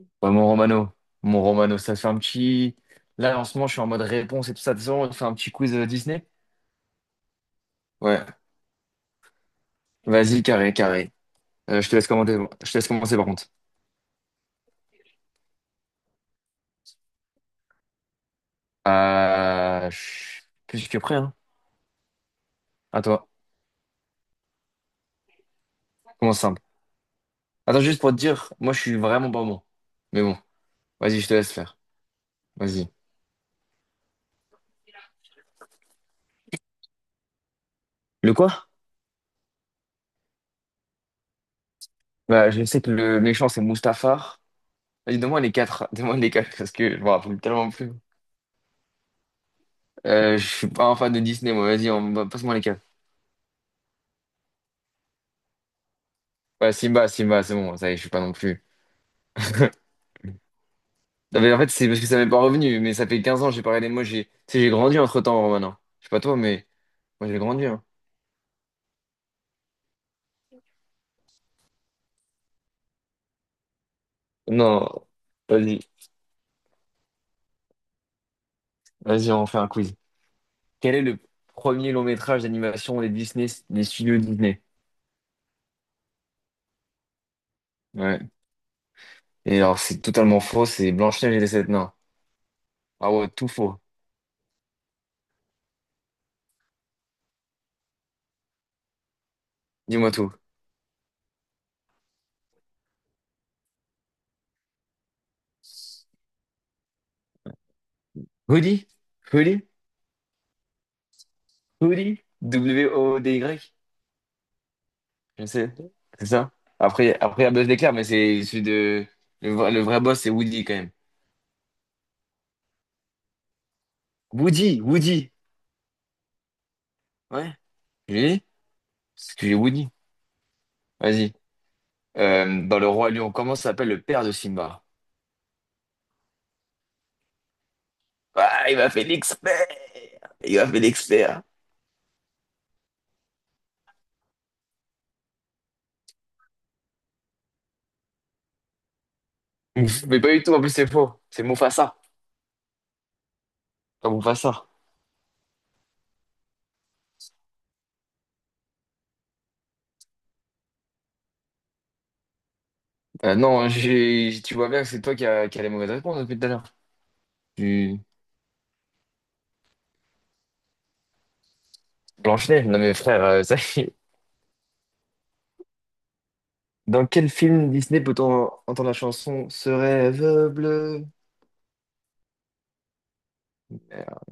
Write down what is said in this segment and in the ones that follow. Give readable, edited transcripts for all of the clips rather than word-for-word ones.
Ouais, mon Romano, ça te fait un petit. Là, en ce moment, je suis en mode réponse et tout ça. De toute façon, on te fait un petit quiz Disney? Ouais. Vas-y, carré, carré. Je te laisse commenter. Je te laisse commencer par contre. Je suis plus que prêt, hein. À toi. Commence simple. Attends, juste pour te dire, moi, je suis vraiment pas bon. Mais bon, vas-y, je te laisse faire. Vas-y. Le quoi? Bah, je sais que le méchant, c'est Mustafar. Vas-y, donne-moi les quatre. Donne-moi les quatre parce que je me rappelle tellement plus. Je suis pas un fan de Disney, moi. Vas-y, on passe-moi les quatre. Ouais, Simba, Simba, c'est bon, ça y est, je suis pas non plus. Non, mais en fait, c'est parce que ça m'est pas revenu, mais ça fait 15 ans, j'ai pas regardé. Moi, tu sais, j'ai grandi entre-temps, Romain. Je sais pas toi, mais moi, j'ai grandi, hein. Non, vas-y, vas-y, on fait un quiz. Quel est le premier long métrage d'animation des Disney, des studios Disney? Ouais. Et alors, c'est totalement faux, c'est Blanche-Neige et les Sept Nains. Ah ouais, tout faux. Dis-moi tout. Hoodie? Hoodie? Hoodie? WODY? Je sais, c'est ça. Après, après, il y a Buzz l'éclair, mais c'est celui de. Le vrai boss, c'est Woody quand même. Woody, Woody. Ouais, je l'ai dit. Parce que j'ai Woody. Vas-y. Dans Le Roi Lion, comment s'appelle le père de Simba? Ah, il m'a fait l'expert! Il m'a fait l'expert. Mais pas du tout, en plus, c'est faux. C'est Mufasa. Pas Mufasa. Non, tu vois bien que c'est toi qui a les mauvaises réponses depuis tout à l'heure. Tu... Blanche-Neige, non mais frère, ça, Dans quel film Disney peut-on entendre la chanson Ce rêve bleu? Merde.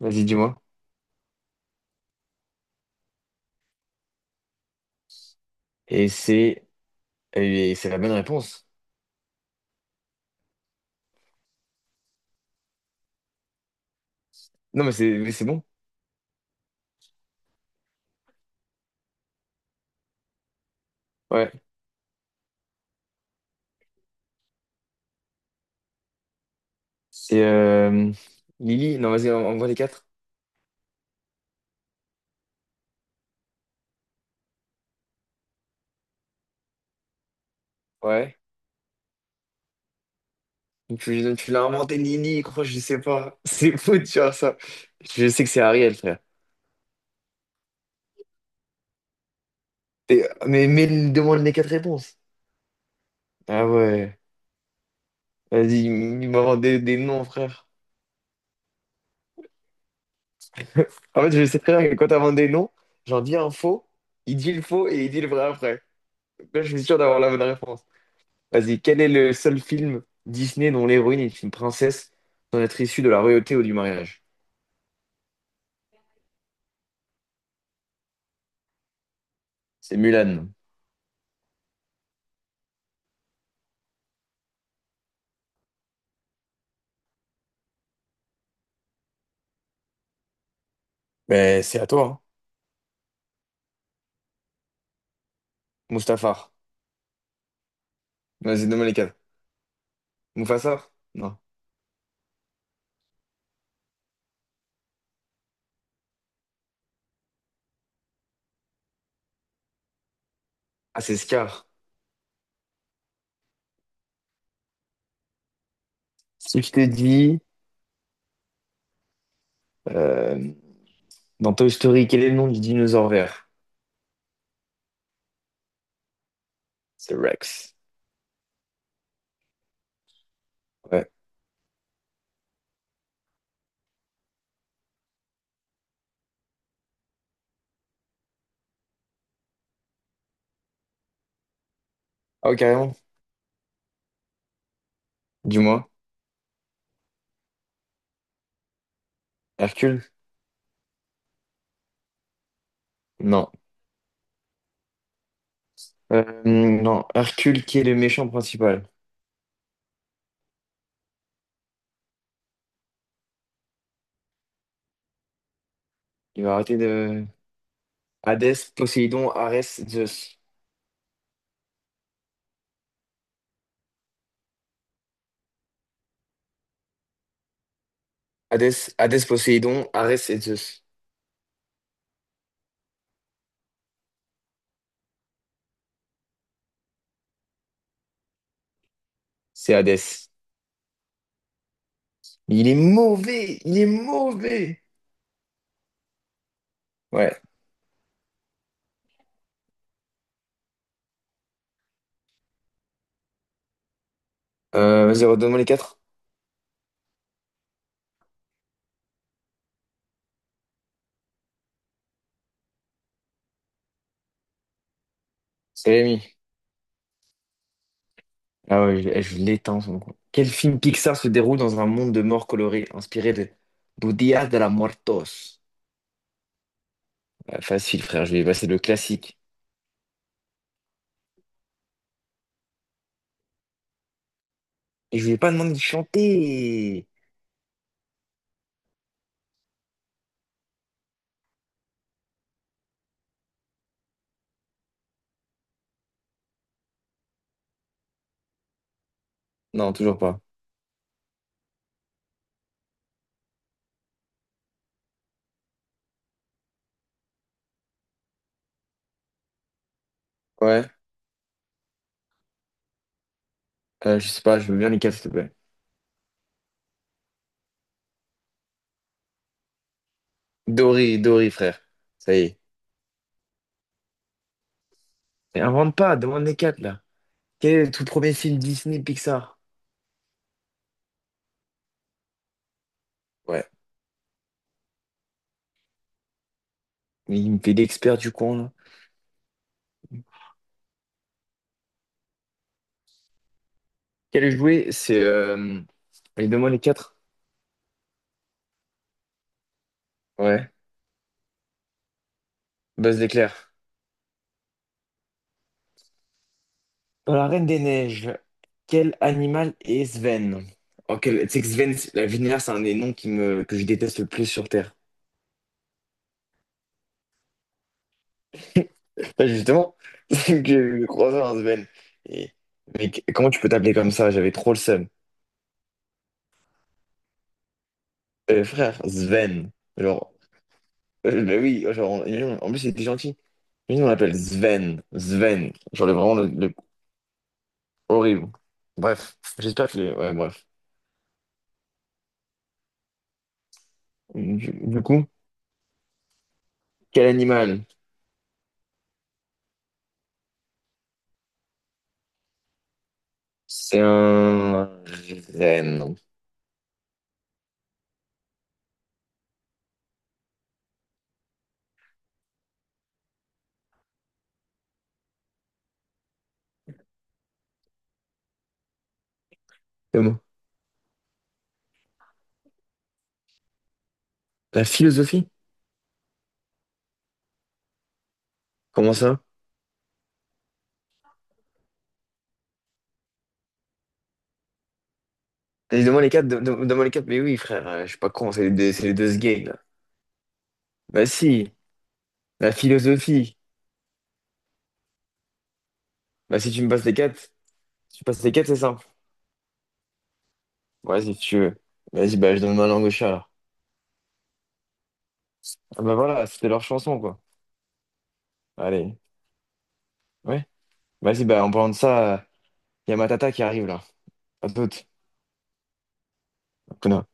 Vas-y, dis-moi. Et c'est et c'est la bonne réponse. Non, mais c'est bon. Ouais. C'est Lily. Non, vas-y, on voit les quatre. Ouais. Tu l'as inventé, Lily, crois, je sais pas. C'est fou de faire ça. Je sais que c'est Ariel, frère. Mais il demande les quatre réponses. Ah ouais. Vas-y, il m'invente des noms, frère. En fait, je sais très bien que quand t'inventes des noms, j'en dis un faux, il dit le faux et il dit le vrai après. Là, je suis sûr d'avoir la bonne réponse. Vas-y, quel est le seul film Disney dont l'héroïne est une princesse sans être issue de la royauté ou du mariage? C'est Mulan. Ben, c'est à toi, hein. Mustafar. Vas-y, nomme les quatre. Mufasa? Non. Ah, c'est Scar. Si je te dis, euh, dans Toy Story, quel est le nom du dinosaure vert? C'est Rex. Ouais. Ah, ouais, carrément. Dis-moi. Hercule? Non. Non. Hercule, qui est le méchant principal? Il va arrêter de... Hadès, Poséidon, Arès, Zeus. Hadès, Hadès, Poséidon, Arès et Zeus. C'est Hadès. Il est mauvais, il est mauvais. Ouais. Vas-y, redonne-moi les quatre. C'est Rémi. Ah ouais, je l'éteins son coup. Quel film Pixar se déroule dans un monde de morts colorés, inspiré de Budia de la Muertos? Ouais, facile, frère, je vais passer le classique. Et je lui ai pas demandé de chanter. Non, toujours pas. Ouais. Je sais pas, je veux bien les quatre, s'il te plaît. Dory, Dory, frère. Ça y est. Mais invente pas, demande les quatre, là. Quel est le tout premier film Disney Pixar? Ouais. Mais il me fait l'expert du coin, là. Quel jouet? C'est. Allez, donne-moi les quatre. Ouais. Buzz d'éclair. Dans la Reine des Neiges, quel animal est Sven? En quel... Tu sais que Sven, c'est la vénère, c'est un des noms qui me... que je déteste le plus sur Terre. Bah, justement, c'est que j'ai croisé un Sven. Et... Mais comment tu peux t'appeler comme ça? J'avais trop le seum. Frère, Sven. Genre, bah oui, genre, en plus, il était gentil. Lui, on l'appelle Sven. Sven. Genre, vraiment le, horrible. Bref, j'espère que... Ouais, bref. Du coup, quel animal? C'est un renne. Comment la philosophie? Comment ça? Vas-y, donne-moi les quatre, donne-moi les quatre. Mais oui, frère, je suis pas con, c'est les deux ce game, là. Bah si, la philosophie. Bah si tu me passes les quatre, si tu passes les quatre, c'est simple. Ouais, si tu veux. Vas-y, bah je donne ma langue au chat, alors. Ah, bah voilà, c'était leur chanson, quoi. Allez, ouais. Vas-y, bah en parlant de ça, il y a ma tata qui arrive, là. À toute. Connard.